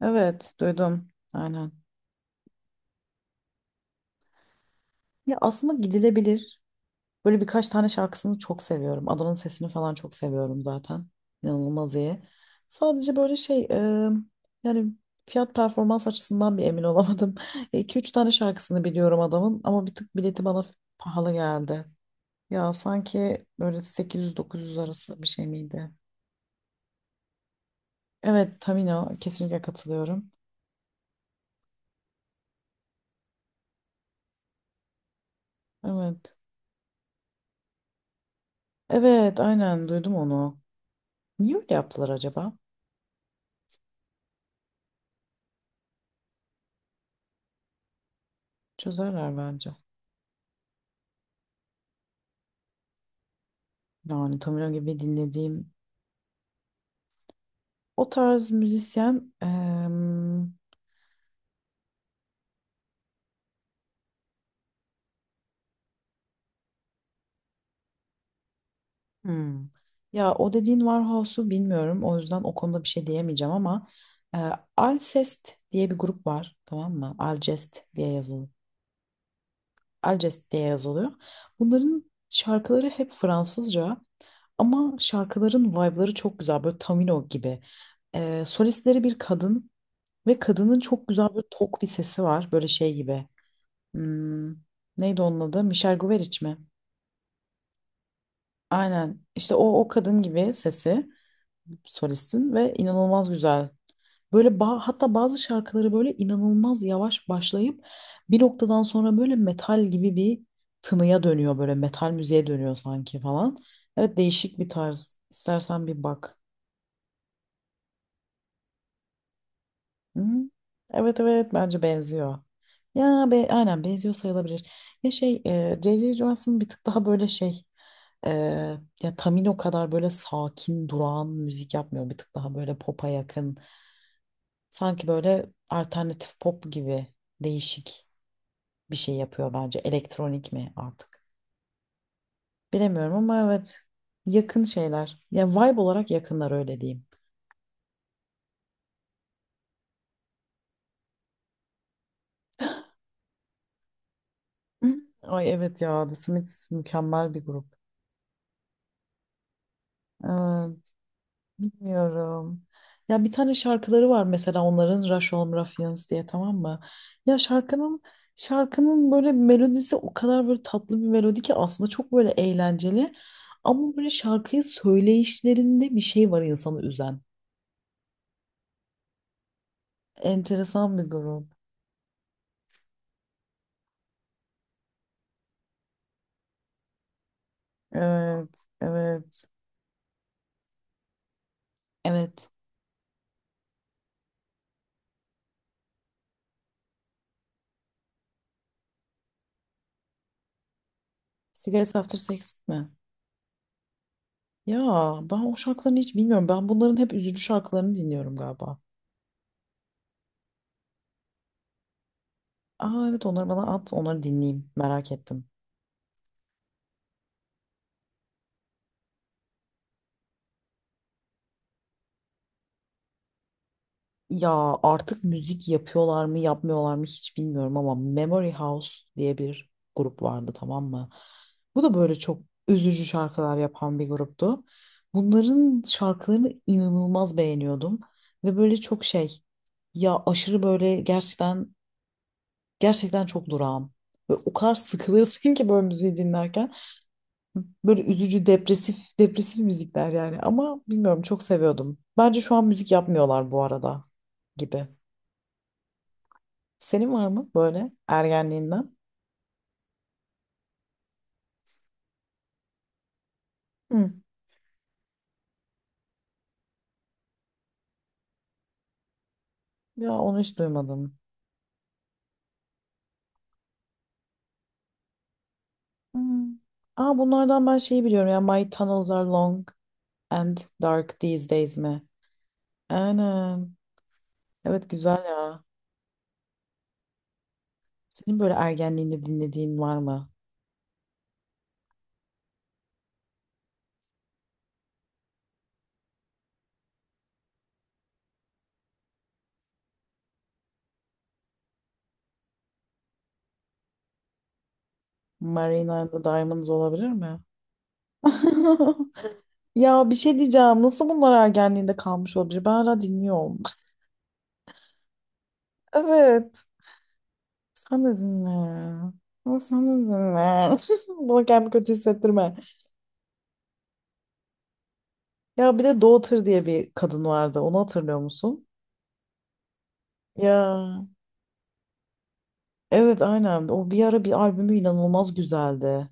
Evet, duydum. Aynen. Ya aslında gidilebilir. Böyle birkaç tane şarkısını çok seviyorum. Adanın sesini falan çok seviyorum zaten. İnanılmaz iyi. Sadece böyle şey, yani fiyat performans açısından bir emin olamadım. 2 üç tane şarkısını biliyorum adamın ama bir tık bileti bana pahalı geldi. Ya sanki böyle 800-900 arası bir şey miydi? Evet, Tamino kesinlikle katılıyorum. Evet. Evet, aynen duydum onu. Niye öyle yaptılar acaba? Çözerler bence. Yani Tamino gibi dinlediğim o tarz müzisyen hmm. Ya o dediğin Warhouse'u bilmiyorum. O yüzden o konuda bir şey diyemeyeceğim ama e, Alcest diye bir grup var. Tamam mı? Alcest diye yazılıyor. Alcest diye yazılıyor. Bunların şarkıları hep Fransızca ama şarkıların vibe'ları çok güzel. Böyle Tamino gibi. E, solistleri bir kadın ve kadının çok güzel böyle tok bir sesi var. Böyle şey gibi. Hmm, neydi onun adı? Michel Guberic mi? Aynen. İşte o kadın gibi sesi solistin ve inanılmaz güzel. Böyle hatta bazı şarkıları böyle inanılmaz yavaş başlayıp bir noktadan sonra böyle metal gibi bir tınıya dönüyor, böyle metal müziğe dönüyor sanki falan. Evet, değişik bir tarz. İstersen bir bak. Hı? Evet, evet, bence benziyor. Ya be, aynen benziyor sayılabilir. Ya şey J.J. Johansson bir tık daha böyle şey, e, ya Tamino kadar böyle sakin durağan müzik yapmıyor. Bir tık daha böyle pop'a yakın. Sanki böyle alternatif pop gibi değişik bir şey yapıyor bence. Elektronik mi artık? Bilemiyorum ama evet, yakın şeyler. Ya vibe olarak yakınlar, öyle diyeyim. Ay evet ya, The Smiths mükemmel bir grup. Evet. Bilmiyorum. Ya bir tane şarkıları var mesela onların, Rush Home Ruffians diye, tamam mı? Ya şarkının böyle melodisi o kadar böyle tatlı bir melodi ki, aslında çok böyle eğlenceli. Ama böyle şarkıyı söyleyişlerinde bir şey var insanı üzen. Enteresan bir grup. Evet, evet, evet. Cigarettes After Sex mi? Ya ben o şarkılarını hiç bilmiyorum. Ben bunların hep üzücü şarkılarını dinliyorum galiba. Aa evet, onları bana at, onları dinleyeyim. Merak ettim. Ya artık müzik yapıyorlar mı yapmıyorlar mı hiç bilmiyorum ama Memory House diye bir grup vardı, tamam mı? Bu da böyle çok üzücü şarkılar yapan bir gruptu. Bunların şarkılarını inanılmaz beğeniyordum ve böyle çok şey, ya aşırı böyle, gerçekten gerçekten çok durağan. Ve o kadar sıkılırsın ki böyle müziği dinlerken, böyle üzücü depresif depresif müzikler yani, ama bilmiyorum, çok seviyordum. Bence şu an müzik yapmıyorlar bu arada gibi. Senin var mı böyle ergenliğinden? Hı. Ya onu hiç duymadım. Hı. Aa, bunlardan ben şeyi biliyorum ya, My tunnels are long and dark these days mi? Aynen. Evet, güzel ya. Senin böyle ergenliğinde dinlediğin var mı? Marina and the Diamonds olabilir mi? Ya bir şey diyeceğim. Nasıl bunlar ergenliğinde kalmış olabilir? Ben hala dinliyorum. Evet. Sen de dinle. Ya sen de dinle. Bana kendimi kötü hissettirme. Ya bir de Doğu diye bir kadın vardı. Onu hatırlıyor musun? Ya evet, aynen. O bir ara bir albümü inanılmaz güzeldi.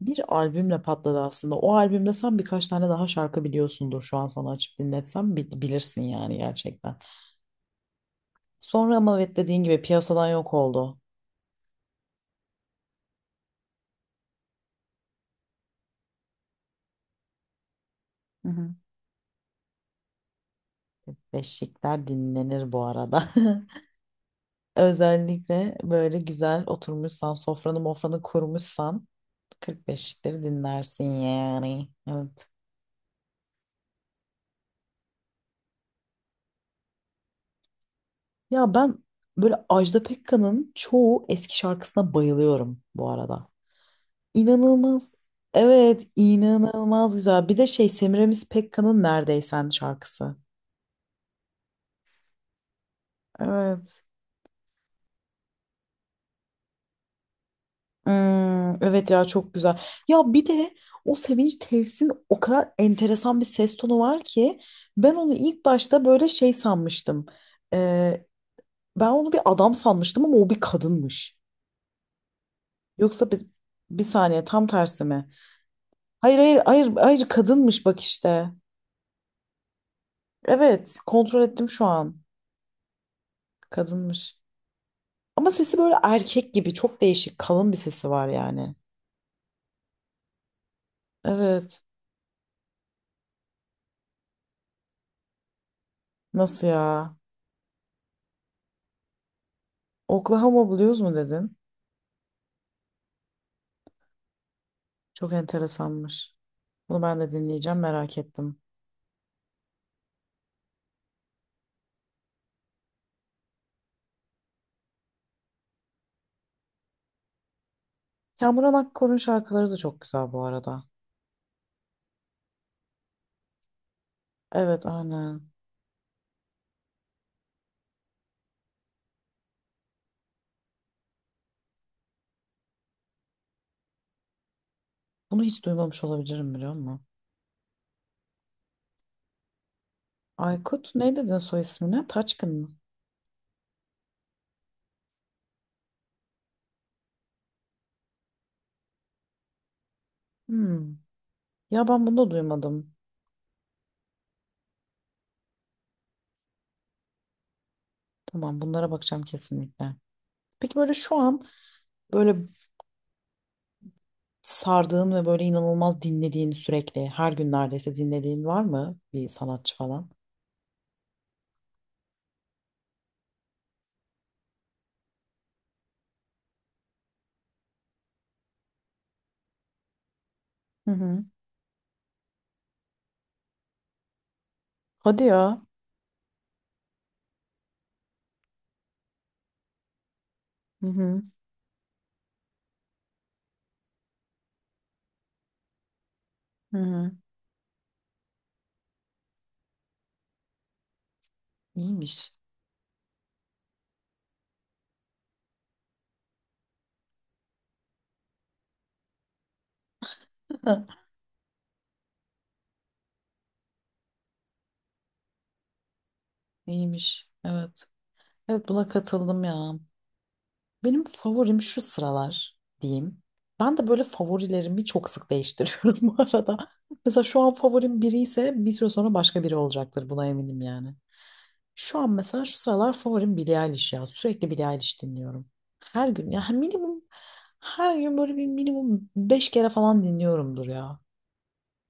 Bir albümle patladı aslında. O albümde sen birkaç tane daha şarkı biliyorsundur, şu an sana açıp dinletsem bilirsin yani gerçekten. Sonra ama evet, dediğin gibi piyasadan yok oldu. Hı hı. Beşikler dinlenir bu arada. Özellikle böyle güzel oturmuşsan, sofranı mofranı kurmuşsan 40 beşikleri dinlersin yani. Evet. Ya ben böyle Ajda Pekkan'ın çoğu eski şarkısına bayılıyorum bu arada. İnanılmaz. Evet, inanılmaz güzel. Bir de şey, Semiramis Pekkan'ın Neredeysen şarkısı. Evet. Hmm, evet ya, çok güzel. Ya bir de o Sevinç Tevsin o kadar enteresan bir ses tonu var ki, ben onu ilk başta böyle şey sanmıştım. Ee, ben onu bir adam sanmıştım ama o bir kadınmış. Yoksa bir saniye, tam tersi mi? Hayır hayır hayır hayır, kadınmış bak işte. Evet, kontrol ettim şu an. Kadınmış. Ama sesi böyle erkek gibi, çok değişik kalın bir sesi var yani. Evet. Nasıl ya? Oklahoma Blues mu dedin? Çok enteresanmış. Bunu ben de dinleyeceğim, merak ettim. Kamuran Akkor'un şarkıları da çok güzel bu arada. Evet, aynen. Bunu hiç duymamış olabilirim, biliyor musun? Aykut, ne dedin soy ismine? Taçkın mı? Hmm. Ya ben bunu da duymadım. Tamam, bunlara bakacağım kesinlikle. Peki böyle şu an, böyle sardığın ve böyle inanılmaz dinlediğin, sürekli her gün neredeyse dinlediğin var mı, bir sanatçı falan? Hı hı. Hadi ya. Hı hı. Hı hı. İyiymiş. İyiymiş. Evet. Evet, buna katıldım ya. Benim favorim şu sıralar diyeyim. Ben de böyle favorilerimi çok sık değiştiriyorum bu arada. Mesela şu an favorim biri ise, bir süre sonra başka biri olacaktır, buna eminim yani. Şu an mesela şu sıralar favorim Billie Eilish ya. Sürekli Billie Eilish dinliyorum. Her gün ya minimum, her gün böyle bir minimum 5 kere falan dinliyorumdur ya.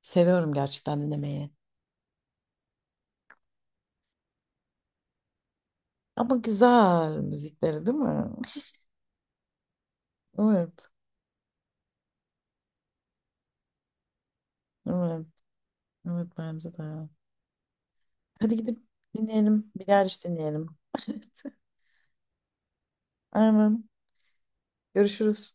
Seviyorum gerçekten dinlemeyi. Ama güzel müzikleri değil mi? Evet. Evet. Evet, bence de. Hadi gidip dinleyelim. Bir derviş dinleyelim. Armağan. Görüşürüz.